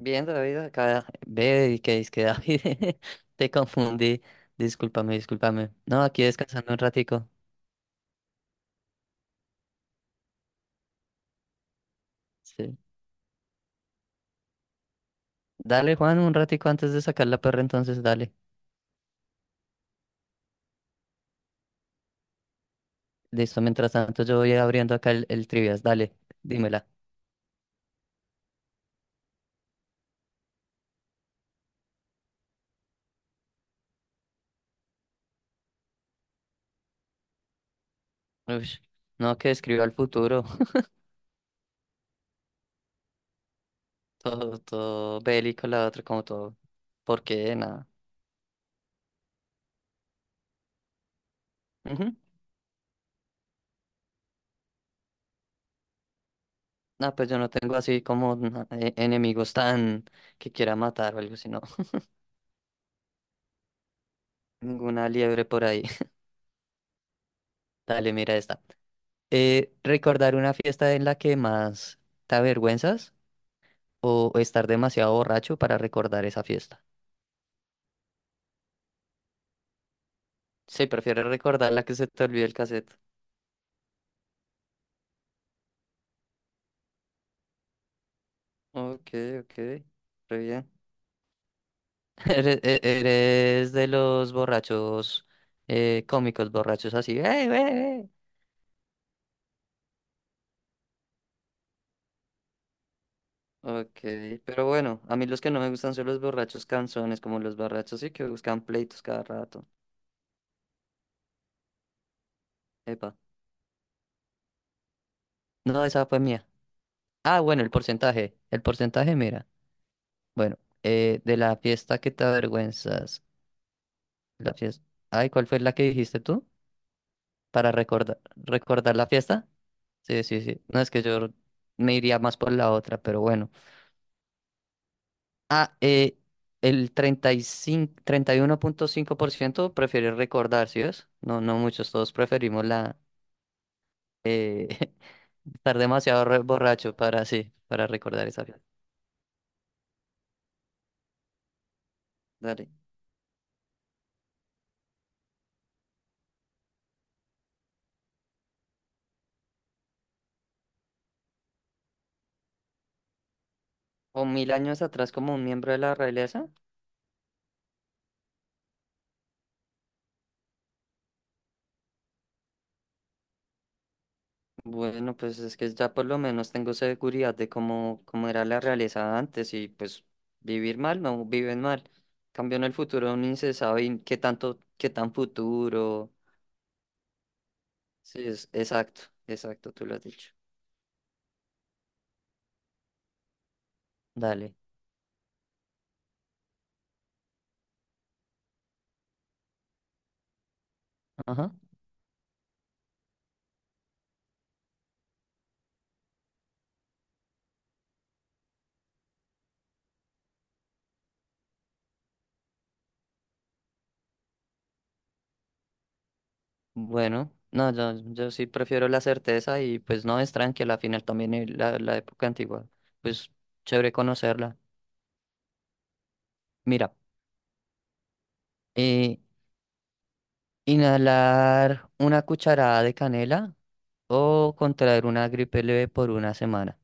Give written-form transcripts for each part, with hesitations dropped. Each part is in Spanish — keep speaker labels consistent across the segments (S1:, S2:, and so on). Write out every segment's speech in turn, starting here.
S1: Bien, David, acá ve y que es que David, te confundí. Discúlpame, discúlpame. No, aquí descansando un ratico. Sí. Dale, Juan, un ratico antes de sacar la perra, entonces dale. Listo, mientras tanto yo voy abriendo acá el trivias. Dale, dímela. Ush, no, que escribió al futuro. Todo, todo bélico, la otra, como todo. ¿Por qué? Nada. Ujú. No, pues yo no tengo así como enemigos tan que quiera matar o algo, sino ninguna liebre por ahí. Dale, mira esta. ¿Recordar una fiesta en la que más te avergüenzas o estar demasiado borracho para recordar esa fiesta? Sí, prefiero recordar la que se te olvidó el cassette. Ok, ok, re bien. Eres de los borrachos cómicos, borrachos así. ¡Eh, eh! Ok, pero bueno, a mí los que no me gustan son los borrachos canzones, como los borrachos sí que buscan pleitos cada rato. Epa. No, esa fue mía. Ah, bueno, el porcentaje. El porcentaje, mira. Bueno, de la fiesta que te avergüenzas. La fiesta. Ay, ¿cuál fue la que dijiste tú? Para recordar, la fiesta. Sí, sí, sí. No es que yo me iría más por la otra, pero bueno. Ah, el 35, 31,5% prefiere recordar, ¿sí ves? No, no muchos, todos preferimos la eh, estar demasiado borracho para, sí, para recordar esa fiesta. Dale. O mil años atrás como un miembro de la realeza. Bueno, pues es que ya por lo menos tengo seguridad de cómo era la realeza antes y pues vivir mal, no viven mal. Cambio en el futuro, ni se sabe y qué tanto, qué tan futuro. Sí, es exacto, exacto, tú lo has dicho. Dale. Ajá. Bueno, no, yo sí prefiero la certeza y pues no es tranquila, al final también la época antigua, pues chévere conocerla. Mira, eh, inhalar una cucharada de canela o contraer una gripe leve por una semana.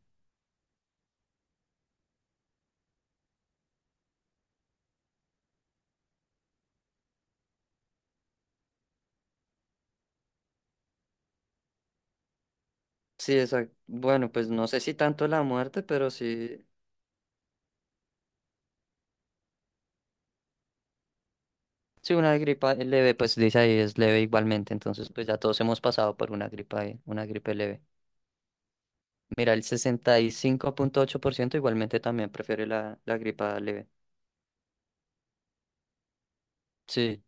S1: Sí, exacto. Bueno, pues no sé si tanto la muerte, pero sí. Si una gripa leve, pues dice ahí es leve igualmente, entonces pues ya todos hemos pasado por una gripa, una gripe leve. Mira, el 65,8% igualmente también prefiere la gripa leve. Sí,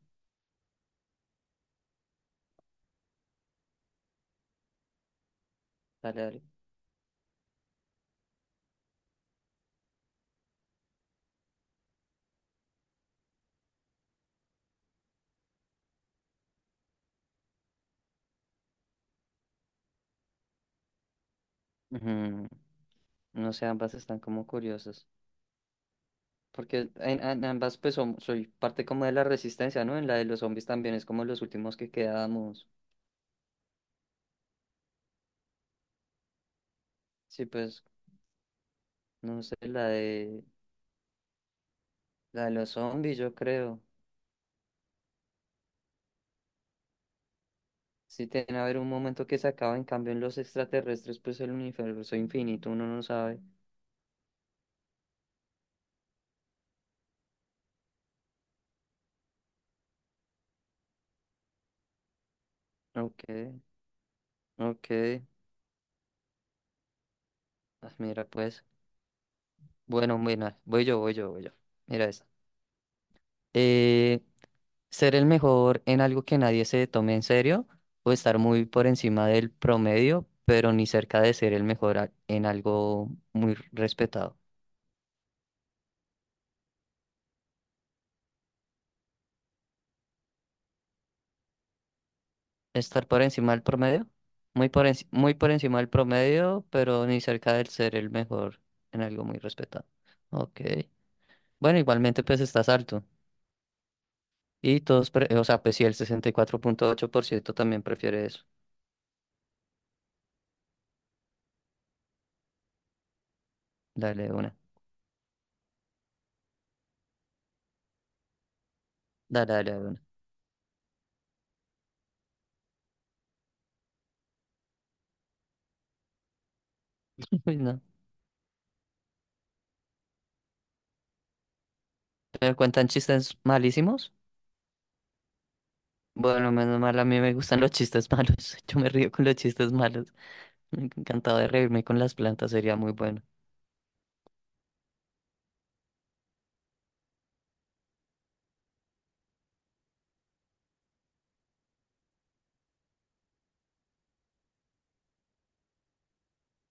S1: dale, dale. Ujú. No sé, ambas están como curiosas. Porque en ambas, pues soy parte como de la resistencia, ¿no? En la de los zombies también es como los últimos que quedamos. Sí, pues no sé, la de los zombies, yo creo. Sí, tiene a haber un momento que se acaba, en cambio en los extraterrestres, pues el universo infinito, uno no sabe. Ok, ok. Ah, mira, pues. Bueno, bueno, voy yo, voy yo, voy yo. Mira esta. Eh, ser el mejor en algo que nadie se tome en serio o estar muy por encima del promedio, pero ni cerca de ser el mejor en algo muy respetado. Estar por encima del promedio. Muy por encima del promedio, pero ni cerca del ser el mejor en algo muy respetado. Ok. Bueno, igualmente pues estás alto. Y todos, o sea, pues sí, el 64,8% también prefiere eso. Dale una. Dale, dale de una. Uy, no. ¿Pero cuentan chistes malísimos? Bueno, menos mal, a mí me gustan los chistes malos. Yo me río con los chistes malos. Me encantaba de reírme con las plantas, sería muy bueno.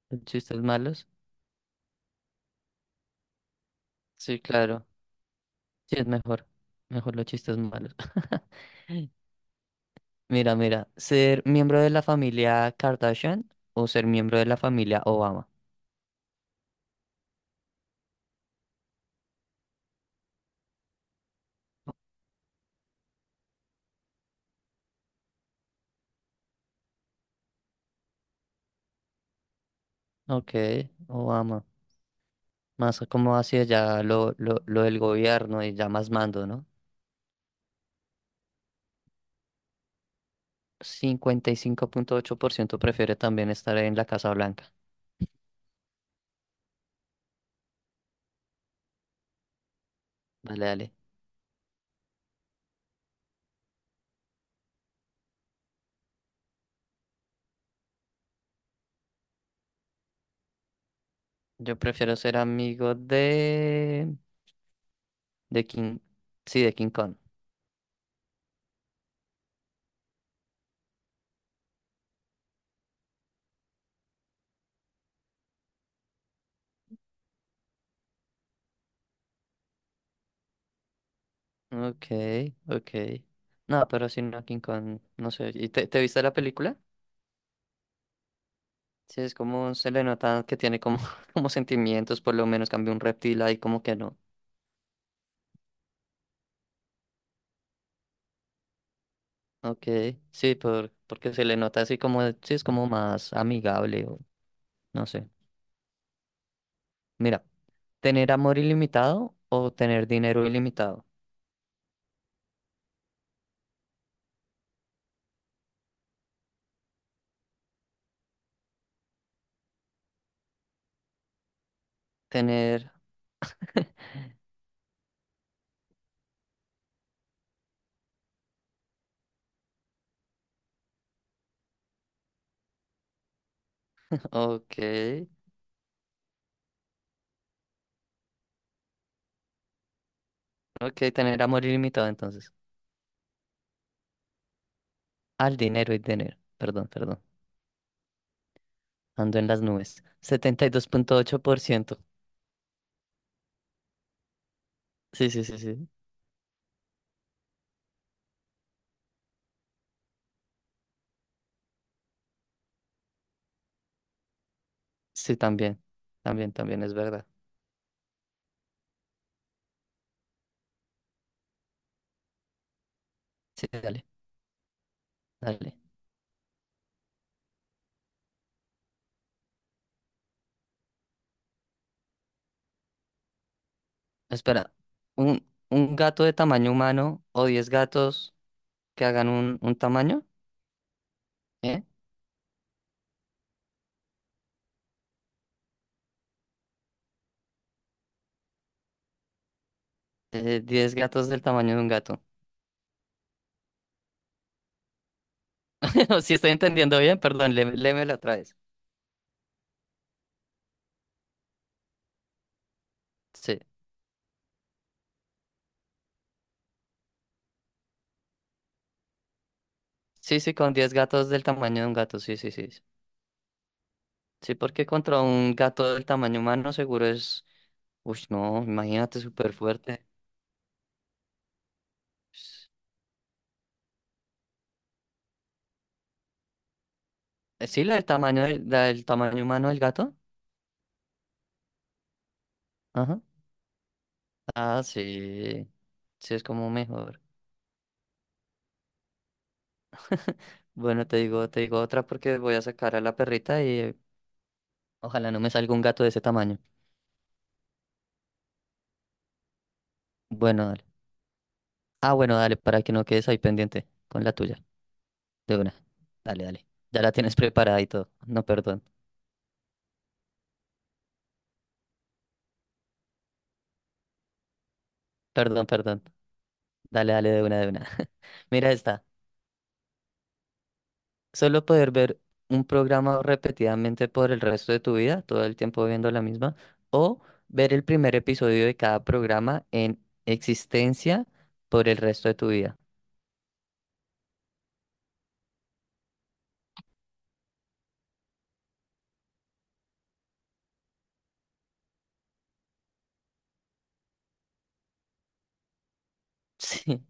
S1: ¿Los chistes malos? Sí, claro. Sí, es mejor. Mejor los chistes malos. Mira, mira, ¿ser miembro de la familia Kardashian o ser miembro de la familia Obama? Ok, Obama. Más como hacia ya lo del gobierno y ya más mando, ¿no? 55,8% prefiere también estar en la Casa Blanca. Dale, dale. Yo prefiero ser amigo de Sí, de King Kong. Ok, ok. No, pero si no, King Kong, no sé. ¿Y te viste la película? Sí, es como se le nota que tiene como, como sentimientos, por lo menos cambia un reptil ahí como que no. Ok, sí, porque se le nota así como, sí, es como más amigable o no sé. Mira, tener amor ilimitado o tener dinero ilimitado. Tener, ok, ok, tener amor ilimitado entonces. Al dinero y dinero, perdón, perdón. Ando en las nubes. 72,8%. Sí, sí, sí, sí. Sí, también, también, también es verdad. Sí, dale, dale. Espera, un gato de tamaño humano o 10 gatos que hagan un tamaño? ¿Eh? 10 gatos del tamaño de un gato. Si estoy entendiendo bien, perdón, léemelo otra vez. Sí, sí, sí, con 10 gatos del tamaño de un gato, sí, sí, sí. Sí, sí, porque contra un gato del tamaño humano seguro es... Uy, no, imagínate, súper fuerte. Sí, la del tamaño la del tamaño humano del gato. Ajá. Ah, sí, sí, es como mejor. Bueno, te digo otra porque voy a sacar a la perrita y ojalá no me salga un gato de ese tamaño. Bueno, dale. Ah, bueno, dale, para que no quedes ahí pendiente con la tuya. De una. Dale, dale. Ya la tienes preparada y todo. No, perdón. Perdón, perdón. Dale, dale, de una, de una. Mira esta. Solo poder ver un programa repetidamente por el resto de tu vida, todo el tiempo viendo la misma, o ver el primer episodio de cada programa en existencia por el resto de tu vida. Sí.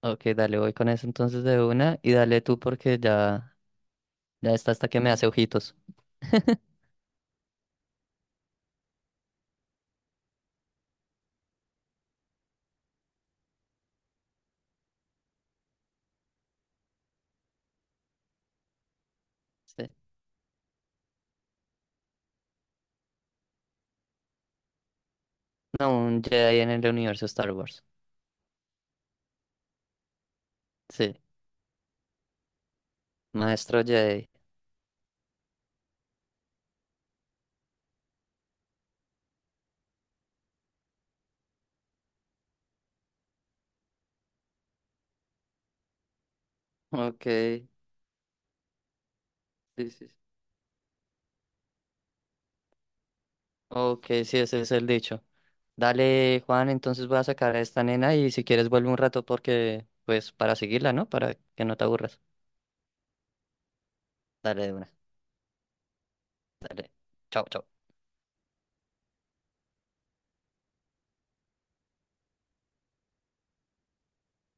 S1: Ok, dale, voy con eso entonces de una y dale tú porque ya está hasta que me hace ojitos. Sí. No, un Jedi en el universo Star Wars. Sí, maestro Jedi. Ok, sí, sí, sí. Ok, sí, ese es el dicho. Dale, Juan, entonces voy a sacar a esta nena y si quieres vuelve un rato porque, pues, para seguirla, ¿no? Para que no te aburras. Dale de una. Dale. Chao, chao.